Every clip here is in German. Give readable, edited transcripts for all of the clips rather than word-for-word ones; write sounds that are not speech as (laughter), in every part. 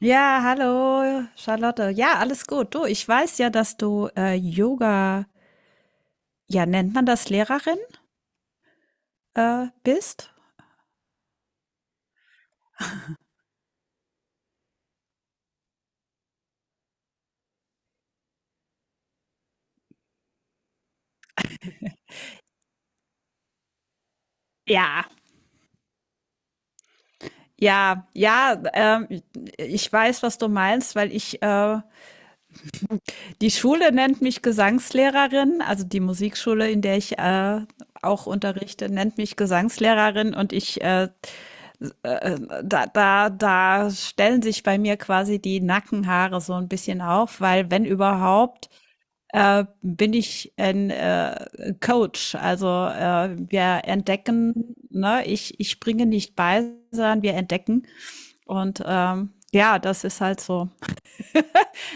Ja, hallo Charlotte. Ja, alles gut. Du, ich weiß ja, dass du Yoga, ja, nennt man das Lehrerin, bist? Ja, ja, ja, ich weiß, was du meinst, weil ich die Schule nennt mich Gesangslehrerin, also die Musikschule, in der ich auch unterrichte, nennt mich Gesangslehrerin und ich äh, äh, da, da, da stellen sich bei mir quasi die Nackenhaare so ein bisschen auf, weil wenn überhaupt, bin ich ein Coach. Also wir entdecken, ne, ich bringe nicht bei, sondern wir entdecken. Und ja, das ist halt so.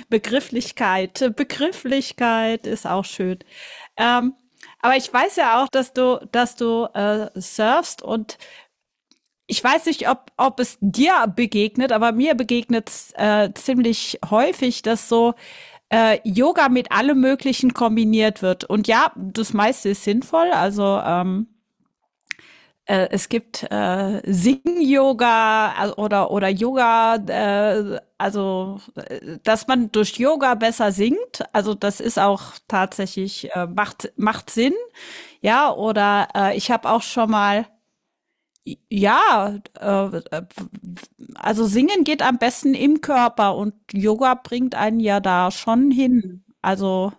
Begrifflichkeit, Begrifflichkeit ist auch schön. Ähm, aber ich weiß ja auch, dass du surfst und ich weiß nicht, ob es dir begegnet, aber mir begegnet es ziemlich häufig, dass so Yoga mit allem Möglichen kombiniert wird. Und ja, das meiste ist sinnvoll. Also es gibt Sing-Yoga oder Yoga, dass man durch Yoga besser singt. Also das ist auch tatsächlich, macht Sinn. Ja, oder ich habe auch schon mal ja, also singen geht am besten im Körper und Yoga bringt einen ja da schon hin. Also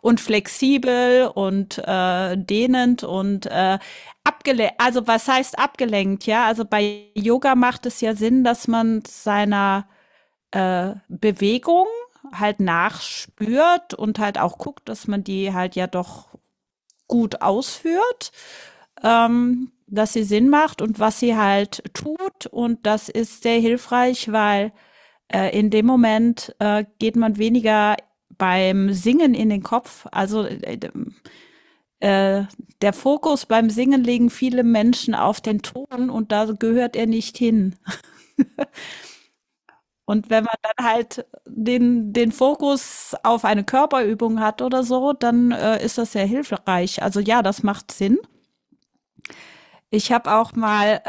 und flexibel und dehnend und abgelenkt. Also was heißt abgelenkt? Ja, also bei Yoga macht es ja Sinn, dass man seiner Bewegung halt nachspürt und halt auch guckt, dass man die halt ja doch gut ausführt, dass sie Sinn macht und was sie halt tut. Und das ist sehr hilfreich, weil in dem Moment geht man weniger beim Singen in den Kopf. Also äh, der Fokus beim Singen legen viele Menschen auf den Ton und da gehört er nicht hin. Und wenn man dann halt den Fokus auf eine Körperübung hat oder so, dann ist das sehr hilfreich. Also ja, das macht Sinn. Ich habe auch mal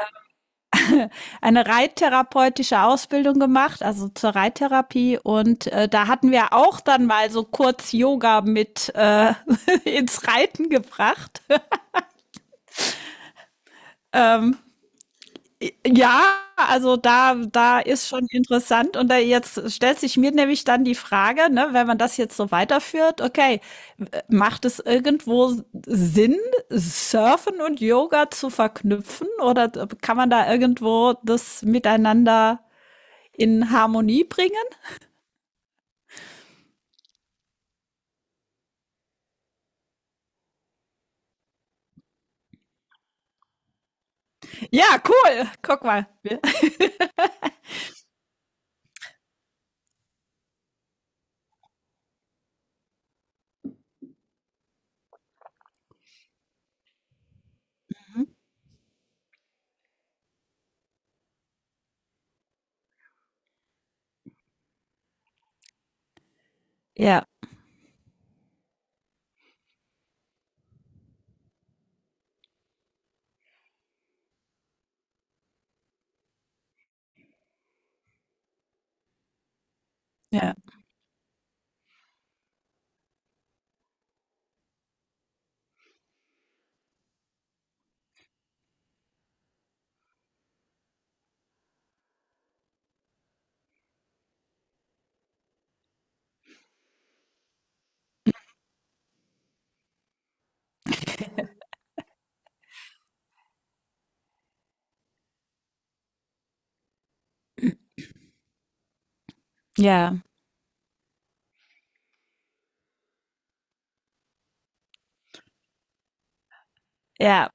eine reittherapeutische Ausbildung gemacht, also zur Reittherapie. Und da hatten wir auch dann mal so kurz Yoga mit (laughs) ins Reiten gebracht. Ähm, ja, also da ist schon interessant. Und da jetzt stellt sich mir nämlich dann die Frage, ne, wenn man das jetzt so weiterführt, okay, macht es irgendwo Sinn, Surfen und Yoga zu verknüpfen? Oder kann man da irgendwo das miteinander in Harmonie bringen? Ja, cool. Guck mal. Wir- Mhm. Ja, ja, ja, ja,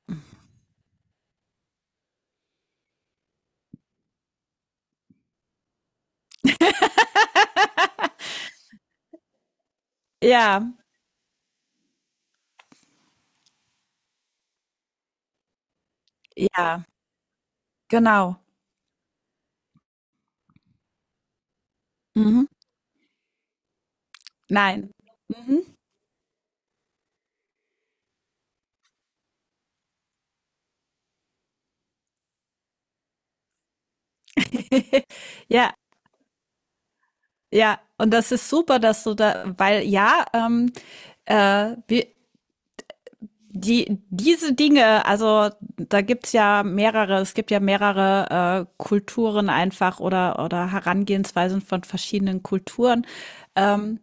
ja, ja, genau. Mhm. Nein. Mhm. (laughs) ja, ja. Und das ist super, dass du da, weil ja, wir, die, diese Dinge, also da gibt's ja mehrere, es gibt ja mehrere Kulturen einfach oder Herangehensweisen von verschiedenen Kulturen, ähm,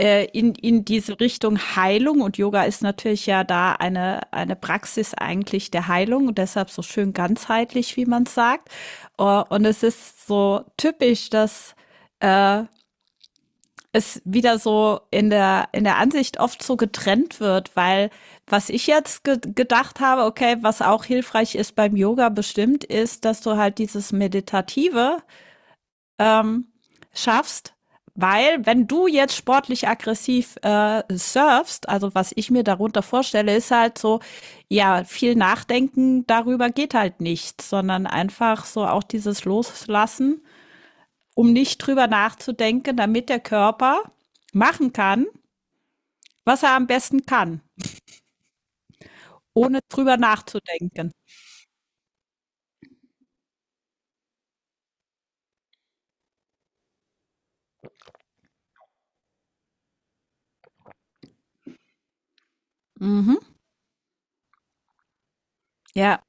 in diese Richtung Heilung. Und Yoga ist natürlich ja da eine Praxis eigentlich der Heilung und deshalb so schön ganzheitlich, wie man sagt. Und es ist so typisch, dass äh, es wieder so in der Ansicht oft so getrennt wird, weil was ich jetzt ge gedacht habe, okay, was auch hilfreich ist beim Yoga bestimmt, ist, dass du halt dieses Meditative ähm, schaffst, weil wenn du jetzt sportlich aggressiv surfst, also was ich mir darunter vorstelle, ist halt so, ja, viel Nachdenken darüber geht halt nicht, sondern einfach so auch dieses Loslassen, um nicht drüber nachzudenken, damit der Körper machen kann, was er am besten kann, ohne drüber nachzudenken. Mhm. Ja,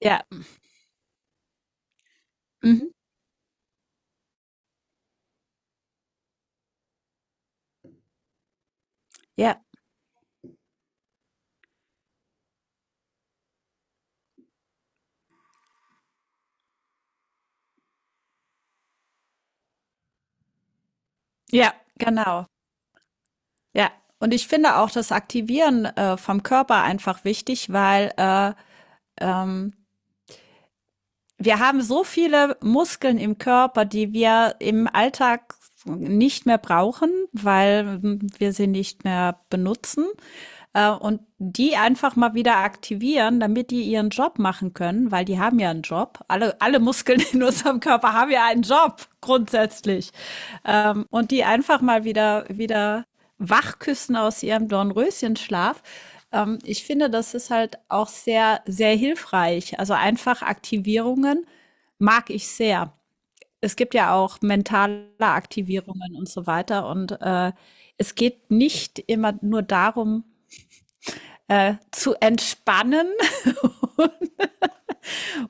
ja, mhm. Ja, ja, genau. Ja, und ich finde auch das Aktivieren vom Körper einfach wichtig, weil ähm, wir haben so viele Muskeln im Körper, die wir im Alltag nicht mehr brauchen, weil wir sie nicht mehr benutzen. Und die einfach mal wieder aktivieren, damit die ihren Job machen können, weil die haben ja einen Job. Alle Muskeln (laughs) in unserem Körper haben ja einen Job, grundsätzlich. Und die einfach mal wieder wachküssen aus ihrem Dornröschenschlaf. Ich finde, das ist halt auch sehr, sehr hilfreich. Also einfach Aktivierungen mag ich sehr. Es gibt ja auch mentale Aktivierungen und so weiter. Und es geht nicht immer nur darum, zu entspannen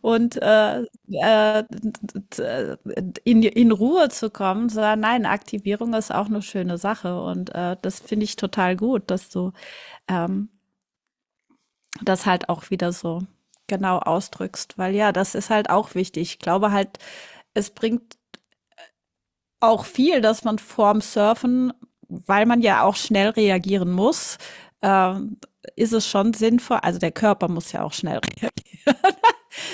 und äh, in Ruhe zu kommen, sondern nein, Aktivierung ist auch eine schöne Sache und das finde ich total gut, dass du ähm, das halt auch wieder so genau ausdrückst, weil ja, das ist halt auch wichtig. Ich glaube halt, es bringt auch viel, dass man vorm Surfen, weil man ja auch schnell reagieren muss, äh, ist es schon sinnvoll, also der Körper muss ja auch schnell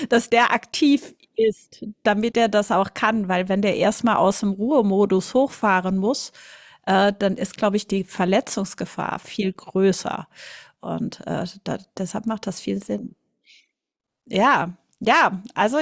dass der aktiv ist, damit er das auch kann, weil wenn der erstmal aus dem Ruhemodus hochfahren muss, dann ist, glaube ich, die Verletzungsgefahr viel größer. Und deshalb macht das viel Sinn. Ja, ja, also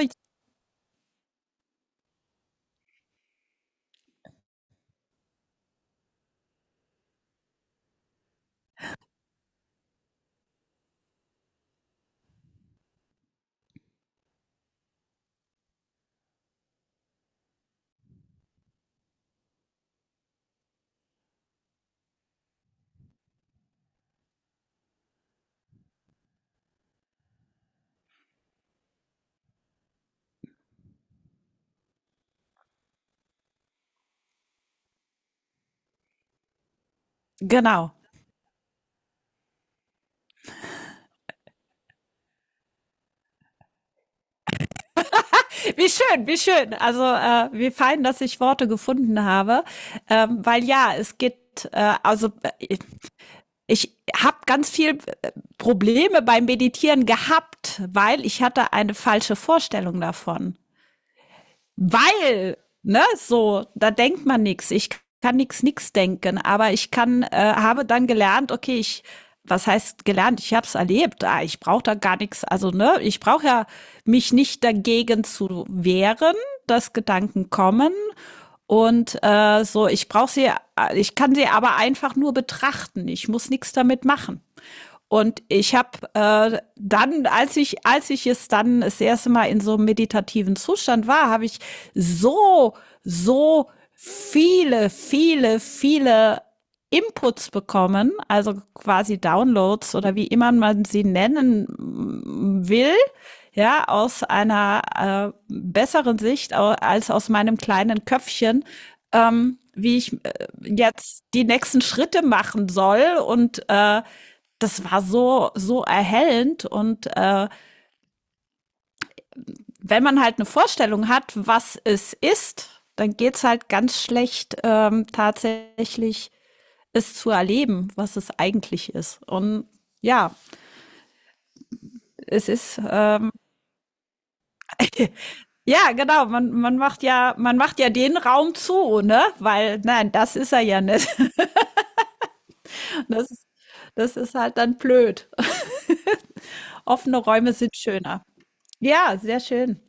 genau. Wie schön, wie schön. Also wie fein, dass ich Worte gefunden habe, weil ja, es geht, äh, Ich habe ganz viel Probleme beim Meditieren gehabt, weil ich hatte eine falsche Vorstellung davon. Weil, ne, so, da denkt man nichts. Ich kann nichts nichts denken, aber ich kann habe dann gelernt, okay, ich was heißt gelernt? Ich habe es erlebt. Ah, ich brauche da gar nichts. Also ne, ich brauche ja mich nicht dagegen zu wehren, dass Gedanken kommen und so. Ich brauche sie, ich kann sie aber einfach nur betrachten. Ich muss nichts damit machen. Und ich habe dann, als ich es dann das erste Mal in so einem meditativen Zustand war, habe ich so, so viele, viele, viele Inputs bekommen, also quasi Downloads oder wie immer man sie nennen will, ja, aus einer besseren Sicht als aus meinem kleinen Köpfchen, wie ich jetzt die nächsten Schritte machen soll und das war so, so erhellend. Und wenn man halt eine Vorstellung hat, was es ist, dann geht's halt ganz schlecht, tatsächlich es zu erleben, was es eigentlich ist. Und ja, es ist ja, genau. Man, man macht ja den Raum zu, ne? Weil, nein, das ist er ja nicht. (laughs) Das ist, das ist halt dann blöd. Offene Räume sind schöner. Ja, sehr schön.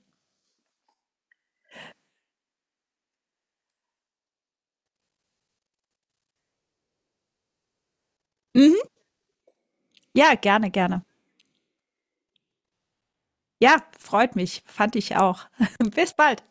Mhm. Ja, gerne, gerne. Ja, freut mich. Fand ich auch. (laughs) Bis bald.